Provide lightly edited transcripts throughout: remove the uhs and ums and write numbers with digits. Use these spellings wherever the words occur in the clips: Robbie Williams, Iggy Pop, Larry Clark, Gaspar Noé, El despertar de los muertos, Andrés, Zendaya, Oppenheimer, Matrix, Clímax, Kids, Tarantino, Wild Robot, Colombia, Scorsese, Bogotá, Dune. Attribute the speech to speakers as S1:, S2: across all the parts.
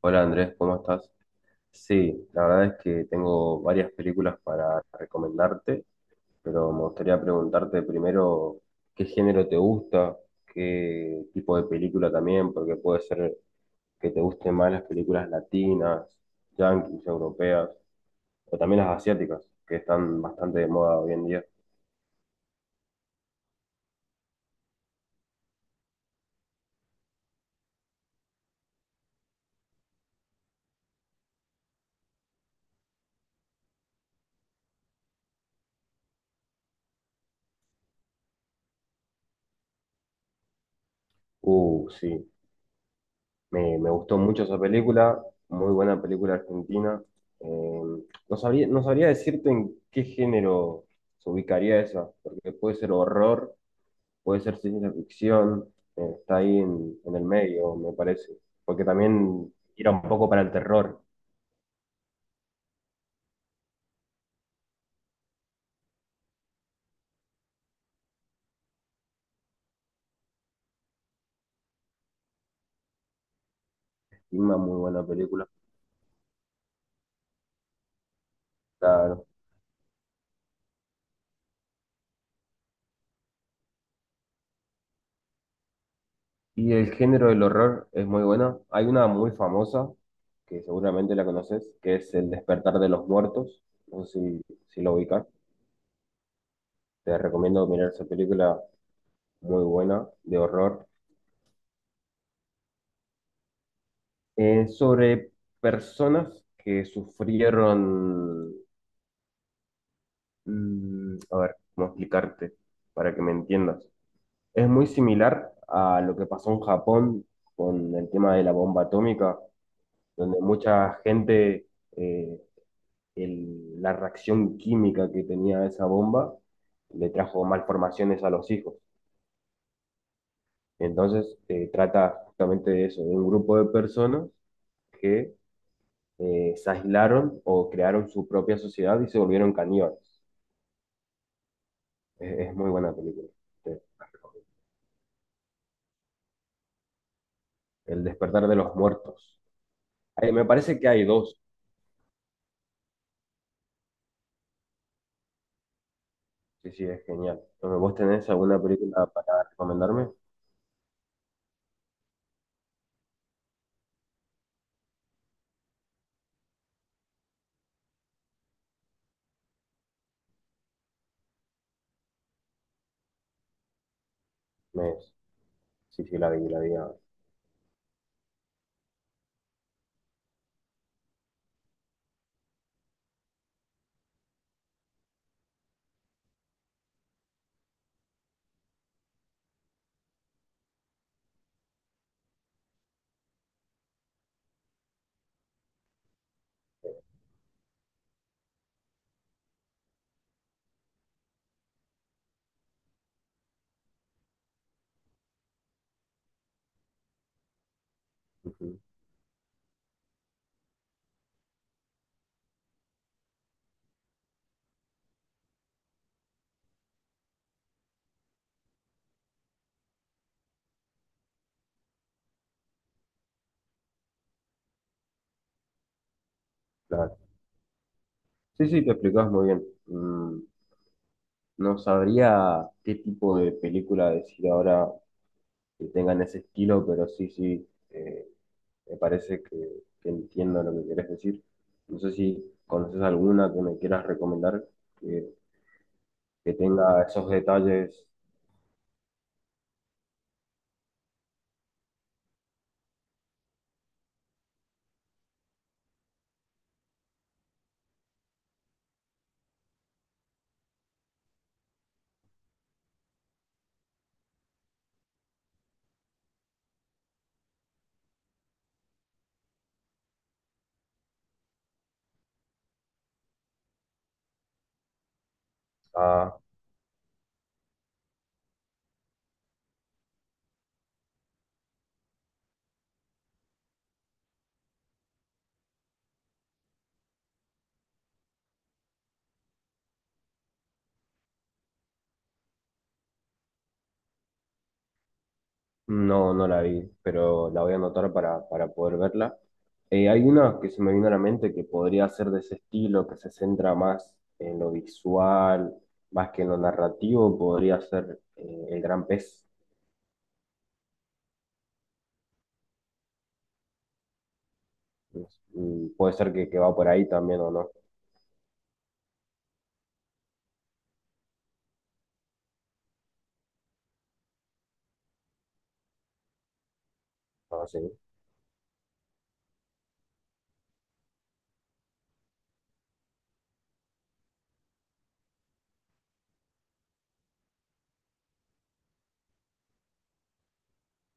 S1: Hola Andrés, ¿cómo estás? Sí, la verdad es que tengo varias películas para recomendarte, pero me gustaría preguntarte primero qué género te gusta, qué tipo de película también, porque puede ser que te gusten más las películas latinas, yanquis, europeas, o también las asiáticas, que están bastante de moda hoy en día. Sí. Me gustó mucho esa película, muy buena película argentina. Eh, no sabría decirte en qué género se ubicaría esa, porque puede ser horror, puede ser ciencia ficción, está ahí en el medio, me parece. Porque también tira un poco para el terror, y una muy buena película, claro. Y el género del horror es muy buena. Hay una muy famosa, que seguramente la conoces, que es El despertar de los muertos. No sé si, si lo ubicas. Te recomiendo mirar esa película muy buena de horror. Sobre personas que sufrieron... a ver, cómo explicarte para que me entiendas. Es muy similar a lo que pasó en Japón con el tema de la bomba atómica, donde mucha gente, eh, la reacción química que tenía esa bomba le trajo malformaciones a los hijos. Entonces, trata justamente de eso, de un grupo de personas que se aislaron o crearon su propia sociedad y se volvieron caníbales. Es muy buena película. La recomiendo. El despertar de los muertos. Ay, me parece que hay dos. Sí, sí, es genial. Entonces, ¿vos tenés alguna película para recomendarme? Me, sí, sí, la vi. Ah, ujú, claro. Sí, sí, te explicabas muy bien. No sabría qué tipo de película decir ahora que tengan ese estilo, pero sí, sí. Me parece que entiendo lo que querés decir. No sé si conoces alguna que me quieras recomendar que, que tenga esos detalles. Ah, no, no la vi, pero la voy a anotar para poder verla. Hay una que se me vino a la mente que podría ser de ese estilo, que se centra más en lo visual, más que en lo narrativo, podría ser El Gran Pez. Puede ser que va por ahí también o no. No sé,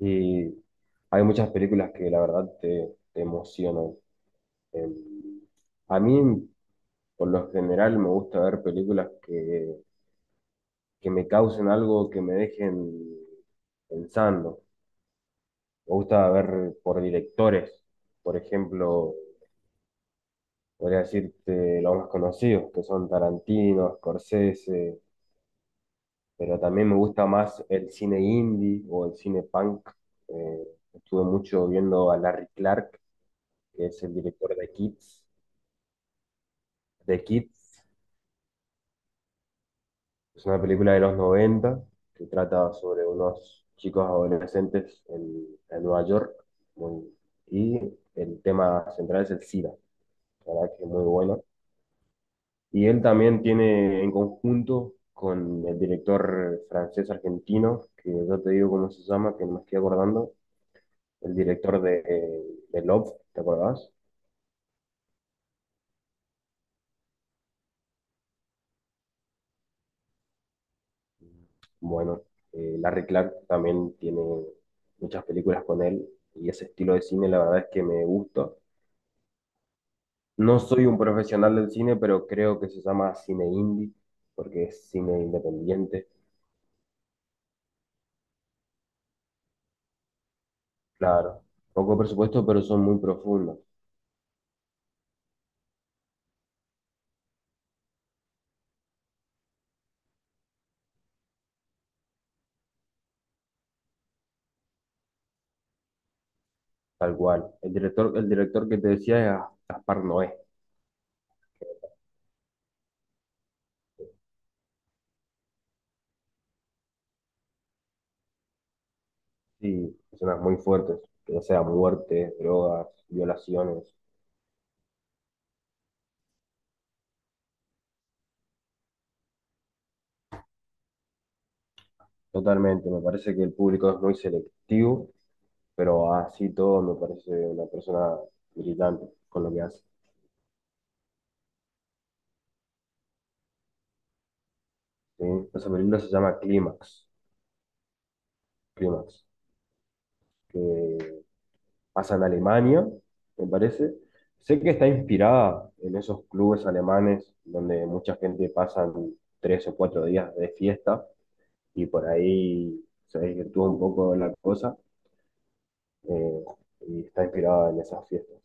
S1: y hay muchas películas que la verdad te, te emocionan. Em, a mí, por lo general, me gusta ver películas que me causen algo, que me dejen pensando. Me gusta ver por directores, por ejemplo, podría decirte los más conocidos, que son Tarantino, Scorsese, pero también me gusta más el cine indie o el cine punk. Eh, estuve mucho viendo a Larry Clark, que es el director de Kids. The Kids es una película de los 90 que trata sobre unos chicos adolescentes en Nueva York muy- y el tema central es el SIDA, la verdad que es muy bueno. Y él también tiene en conjunto con el director francés-argentino, que yo te digo cómo se llama, que no me estoy acordando, el director de Love, ¿te acordás? Bueno, Larry Clark también tiene muchas películas con él y ese estilo de cine la verdad es que me gusta. No soy un profesional del cine, pero creo que se llama cine indie porque es cine independiente. Claro, poco presupuesto, pero son muy profundos, tal cual. El director que te decía es Gaspar Noé. Sí, escenas muy fuertes, ya sea muerte, drogas, violaciones. Totalmente, me parece que el público es muy selectivo pero así todo me parece una persona brillante con lo que hace. ¿Sí? O sea, se llama Clímax, Clímax, que pasa en Alemania, me parece. Sé que está inspirada en esos clubes alemanes donde mucha gente pasa tres o cuatro días de fiesta y por ahí se desvirtúa un poco la cosa eh, y está inspirada en esas fiestas.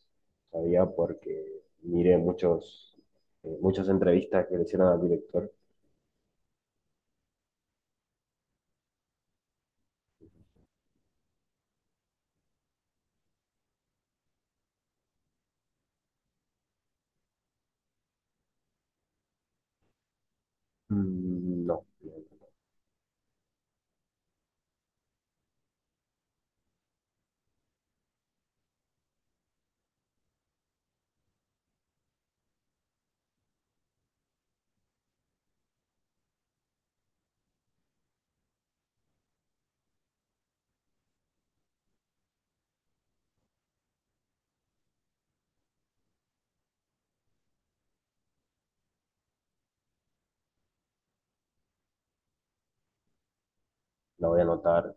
S1: Sabía porque miré muchos, muchas entrevistas que le hicieron al director. No, la voy a anotar.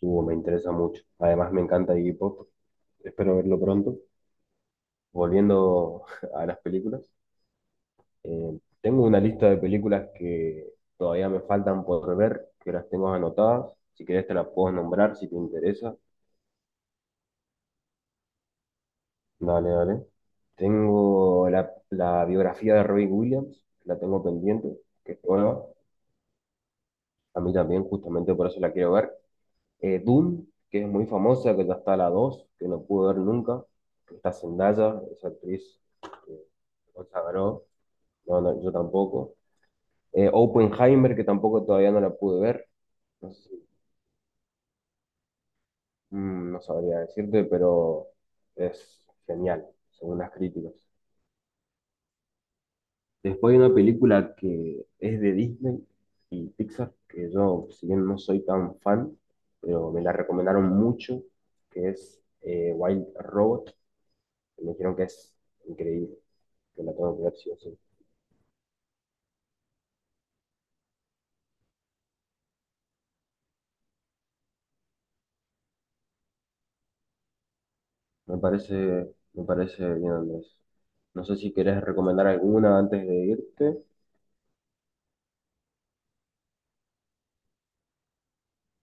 S1: Hugo, me interesa mucho. Además, me encanta Iggy Pop. Espero verlo pronto. Volviendo a las películas, tengo una lista de películas que todavía me faltan por ver, que las tengo anotadas. Si querés, te las puedo nombrar si te interesa. Dale, dale. Tengo la, la biografía de Robbie Williams, que la tengo pendiente, que es nueva. A mí también, justamente por eso la quiero ver. Dune, que es muy famosa, que ya está la 2, que no pude ver nunca. Que está Zendaya, esa actriz eh, consagró, no, no, yo tampoco. Oppenheimer, que tampoco todavía no la pude ver. No sé si- no sabría decirte, pero es genial, según las críticas. Después hay una película que es de Disney y Pixar, que yo, si bien no soy tan fan, pero me la recomendaron mucho, que es Wild Robot. Me dijeron que es increíble, que la tengo que ver sí o sí. Me parece, me parece bien, Andrés. No sé si querés recomendar alguna antes de irte.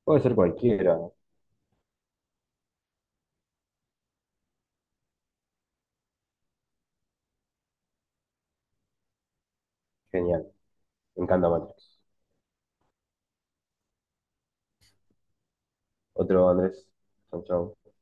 S1: Puede ser cualquiera. Genial. Me encanta Matrix. Otro, Andrés. Chau, chau.